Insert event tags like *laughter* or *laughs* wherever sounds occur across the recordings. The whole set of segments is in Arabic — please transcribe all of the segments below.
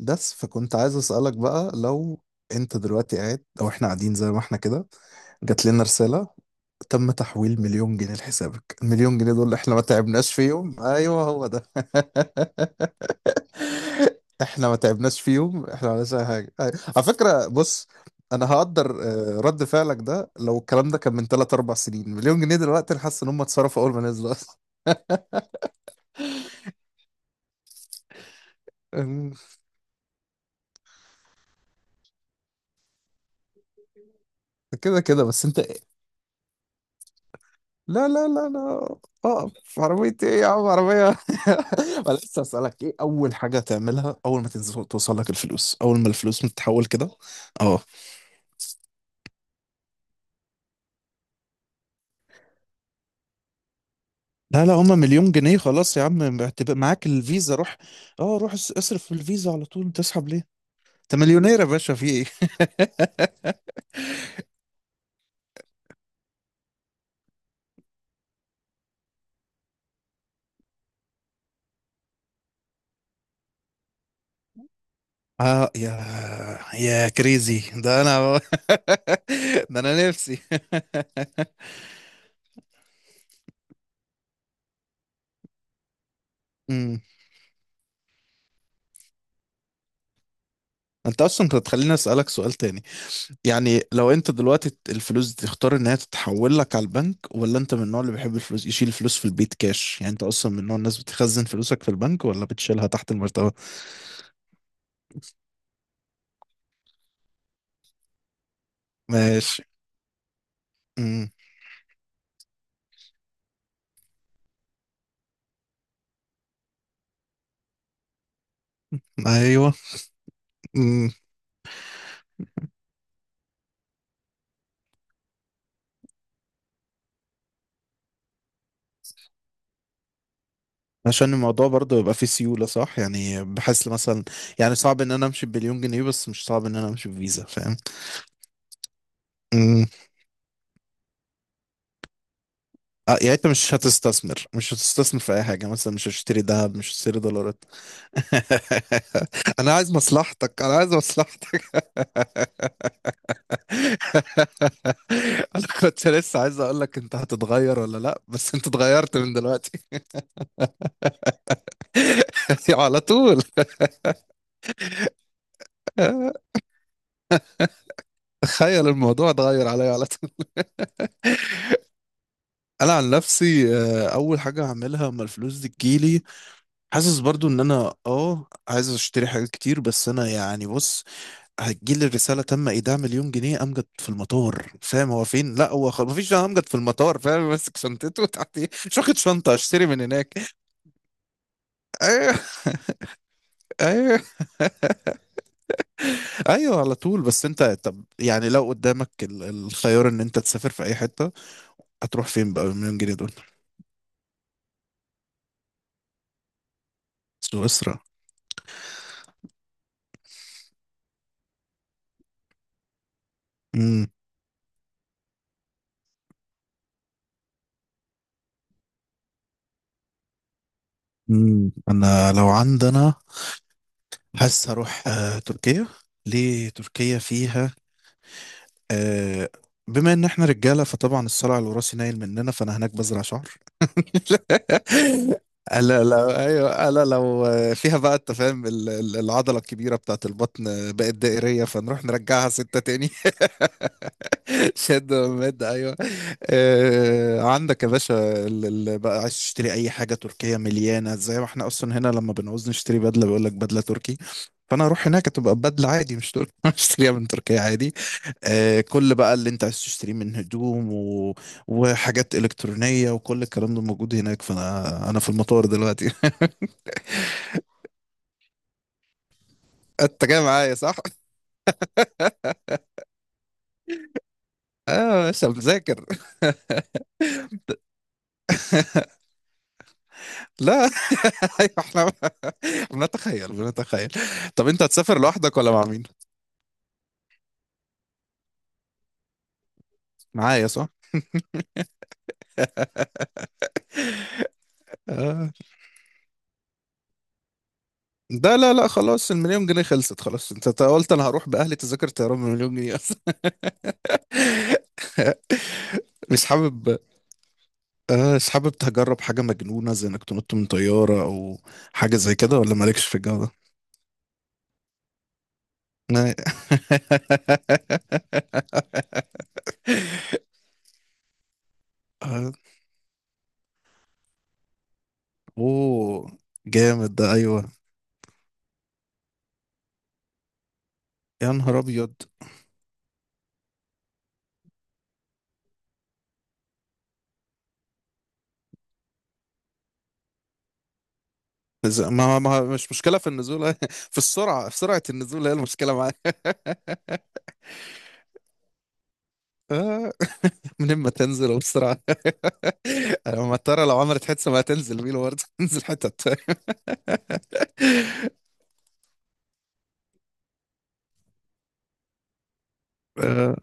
بس فكنت عايز اسألك بقى، لو انت دلوقتي قاعد او احنا قاعدين زي ما احنا كده، جات لنا رسالة: تم تحويل مليون جنيه لحسابك. المليون جنيه دول اللي احنا ما تعبناش فيهم، ايوه هو ده. *laughs* احنا ما تعبناش فيهم، احنا ما عملناش اي حاجة، أيوة. على فكرة بص، انا هقدر رد فعلك ده، لو الكلام ده كان من 3 4 سنين. مليون جنيه دلوقتي، انا حاسس ان هم اتصرفوا اول ما نزلوا اصلا. *laughs* كده كده، بس انت. لا لا لا لا. اه، في عربية ايه يا عم؟ عربية. *laughs* ولا لسه اسألك: ايه أول حاجة تعملها أول ما تنزل، توصل لك الفلوس أول ما الفلوس متتحول كده؟ اه، لا لا، هما مليون جنيه، خلاص يا عم هتبقى معاك الفيزا، روح. اه روح، اصرف في الفيزا على طول، تسحب ليه؟ انت مليونير يا باشا، في ايه؟ *laughs* اه، يا كريزي، ده انا. *laughs* ده انا نفسي. *laughs* امم انت اصلا كنت تخليني اسالك سؤال تاني: يعني لو انت دلوقتي الفلوس دي، تختار ان هي تتحول لك على البنك، ولا انت من النوع اللي بيحب الفلوس يشيل الفلوس في البيت كاش؟ يعني انت اصلا من نوع الناس بتخزن فلوسك في البنك، ولا بتشيلها تحت المرتبة؟ ماشي. امم. ايوه. امم. عشان الموضوع برضه يبقى فيه سيولة، صح يعني، بحس مثلا، يعني صعب ان انا امشي بمليون جنيه، بس مش صعب ان انا امشي بفيزا، فاهم؟ امم. اه، يعني انت مش هتستثمر في اي حاجة مثلا؟ مش هتشتري ذهب، مش هتشتري دولارات؟ *laughs* انا عايز مصلحتك، انا عايز مصلحتك. *laughs* انا كنت لسه عايز اقول لك: انت هتتغير ولا لا؟ بس انت اتغيرت من دلوقتي. *laughs* على طول. تخيل الموضوع اتغير عليا على طول. *laughs* انا عن نفسي، اول حاجه هعملها اما الفلوس دي تجيلي، حاسس برضو ان انا عايز اشتري حاجات كتير، بس انا يعني بص، هتجيلي الرساله: تم ايداع مليون جنيه، امجد في المطار. فاهم هو فين؟ لا، هو مفيش، أنا امجد في المطار، فاهم؟ *laughs* ماسك شنطته تحت، ايه، مش واخد شنطه، اشتري من هناك. *laughs* ايوه، ايوه، ايوه، على طول. بس انت، طب يعني لو قدامك الخيار ان انت تسافر في اي حته، هتروح فين بقى بالمليون جنيه دول؟ سويسرا. امم. امم. انا لو عندنا، حاسس هروح تركيا. ليه تركيا؟ فيها، آه، بما ان احنا رجاله، فطبعا الصلع الوراثي نايل مننا، فانا هناك بزرع شعر. *laughs* انا لو، ايوه، انا لو فيها بقى، انت فاهم العضله الكبيره بتاعت البطن بقت دائريه، فنروح نرجعها سته تاني. *laughs* شد ومد، ايوه. آه، عندك يا باشا اللي بقى عايز تشتري اي حاجه تركيه مليانه، زي ما احنا اصلا هنا لما بنعوز نشتري بدله بيقول لك بدله تركي. فانا اروح هناك تبقى بدله عادي، مش تركي. *laughs* اشتريها من تركيا عادي. آه، كل بقى اللي انت عايز تشتريه من هدوم و... وحاجات الكترونيه وكل الكلام ده موجود هناك، فانا في المطار دلوقتي. *laughs* انت جاي معايا، صح؟ اه، يا باشا بذاكر. *laughs* لا. *laughs* ايوه، احنا بنتخيل بنتخيل. طب انت هتسافر لوحدك، ولا مع مين؟ معايا، صح؟ آه. ده لا لا، خلاص المليون جنيه خلصت، خلاص انت قلت انا هروح باهلي، تذاكر طيران بمليون جنيه اصلا. *laughs* مش حابب مش حابب تجرب حاجه مجنونه زي انك تنط من طياره، او حاجه زي كده؟ ولا مالكش في الجو ده؟ لا. *laughs* آه. اوه، جامد ده، ايوه. يا نهار ابيض. ما ما مش مشكله في النزول. *laughs* في سرعه النزول هي المشكله معايا. *laughs* آه. من اما تنزل وبسرعه. انا مضطر، لو عملت حادثه ما هتنزل بينا برضه. *laughs* تنزل حتت. آه،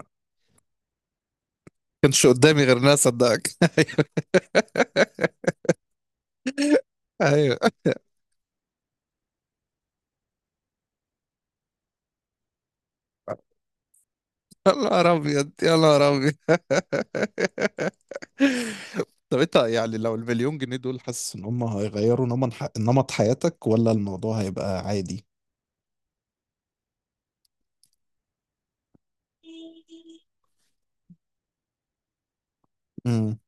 كانش قدامي غير ناس صدقك. *laughs* ايوه، يا نهار ابيض، يا نهار ابيض. *laughs* طب انت، يعني لو المليون جنيه دول، حاسس ان هم هيغيروا نمط نمط حياتك، ولا الموضوع هيبقى عادي؟ امم.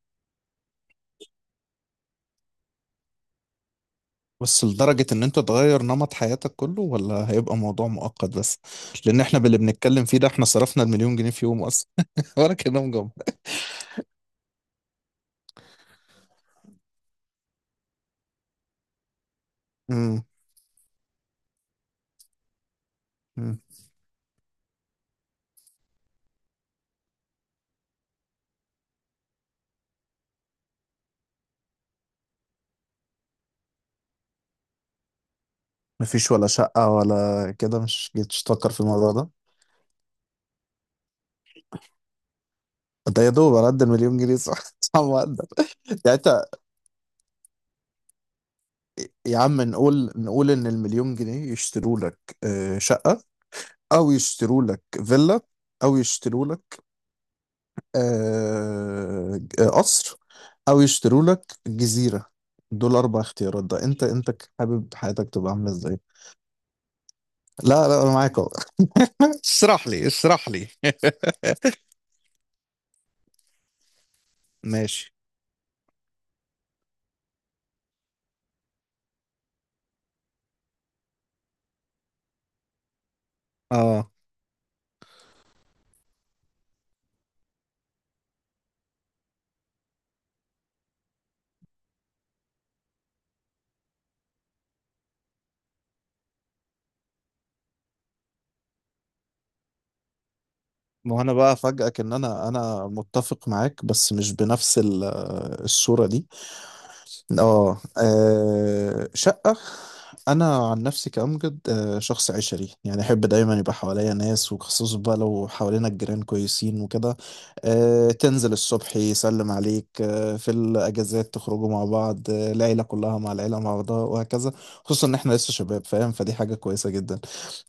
بس لدرجة ان انت تغير نمط حياتك كله، ولا هيبقى موضوع مؤقت بس؟ لان احنا باللي بنتكلم فيه ده، احنا صرفنا المليون جنيه في يوم اصلا. *laughs* ولا كأنهم جم. امم. مفيش ولا شقة ولا كده؟ مش جيتش تفكر في الموضوع ده؟ ده يا دوب على قد المليون جنيه، صح. *laughs* صح، ما أقدر. يعني انت، يا عم نقول ان المليون جنيه يشتروا لك شقة، او يشتروا لك فيلا، او يشتروا لك قصر، او يشتروا لك جزيرة. دول اربع اختيارات، ده انت حابب حياتك تبقى عاملة ازاي؟ لا لا، انا معاك اهو. *laughs* اشرح لي، اشرح لي. *laughs* ماشي. اه، ما هو انا بقى افاجئك ان انا متفق معاك، بس مش بنفس الصوره دي. اه. شقه. انا عن نفسي كامجد، شخص عشري، يعني احب دايما يبقى حواليا ناس، وخصوصا بقى لو حوالينا الجيران كويسين وكده. تنزل الصبح يسلم عليك، في الاجازات تخرجوا مع بعض، العيله كلها مع العيله مع بعضها وهكذا. خصوصا ان احنا لسه شباب، فاهم، فدي حاجه كويسه جدا.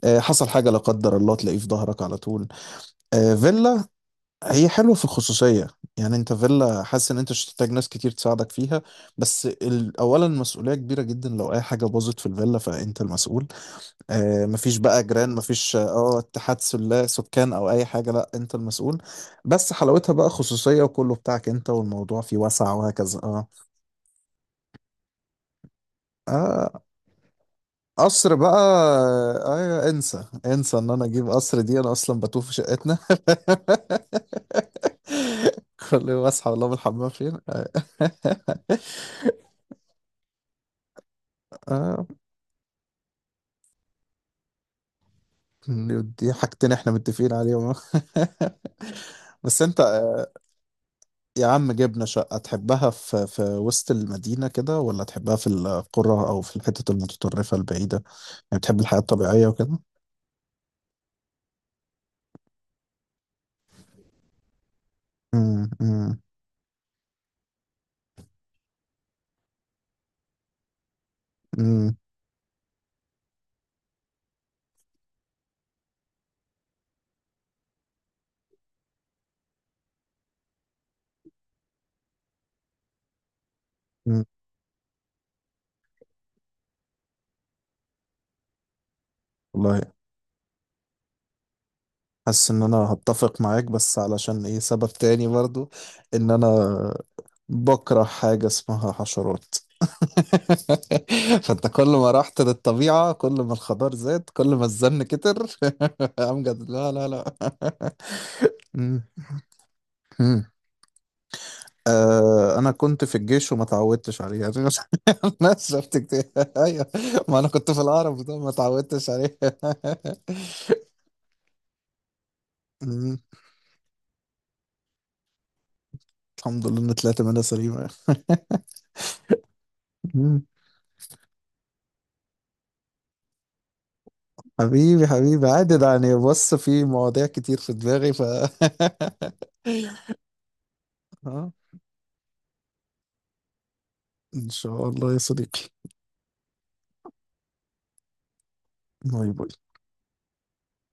حصل حاجه لا قدر الله تلاقيه في ظهرك على طول. فيلا، هي حلوة في الخصوصية. يعني انت فيلا، حاسس ان انت مش هتحتاج ناس كتير تساعدك فيها. بس اولا المسؤولية كبيرة جدا، لو اي حاجة باظت في الفيلا فانت المسؤول. آه، مفيش بقى جيران، مفيش اتحاد سكان او اي حاجة، لا انت المسؤول. بس حلاوتها بقى خصوصية، وكله بتاعك انت، والموضوع فيه واسع وهكذا، اه. اه، قصر بقى. آه، انسى انسى ان انا اجيب قصر دي، انا اصلا بتوه في شقتنا. *laughs* كل يوم اصحى والله الحمام فين، آه. *laughs* آه، دي حاجتين احنا متفقين عليهم. *laughs* بس انت يا عم، جبنا شقة، تحبها في وسط المدينة كده، ولا تحبها في القرى، أو في الحتت المتطرفة البعيدة؟ يعني بتحب الحياة الطبيعية وكده؟ أمم، أمم، أمم، أمم. والله، حاسس إن أنا هتفق معاك، بس علشان إيه؟ سبب تاني برضو، إن أنا بكره حاجة اسمها حشرات. *laughs* فانت كل ما رحت للطبيعة، كل ما الخضار زاد، كل ما الزن كتر. *laughs* امجد، لا لا لا. مم. مم. آه، انا كنت في الجيش وما اتعودتش عليه يعني. *laughs* الناس شفت كتير. *laughs* ايوه، ما انا كنت في الهرم ده ما اتعودتش عليه. *laughs* مم. الحمد لله ان طلعت منها سليمة. *laughs* مم. حبيبي، حبيبي، عادي ده، يعني بص، في مواضيع كتير في دماغي *laughs* آه. ان شاء الله يا صديقي. باي باي.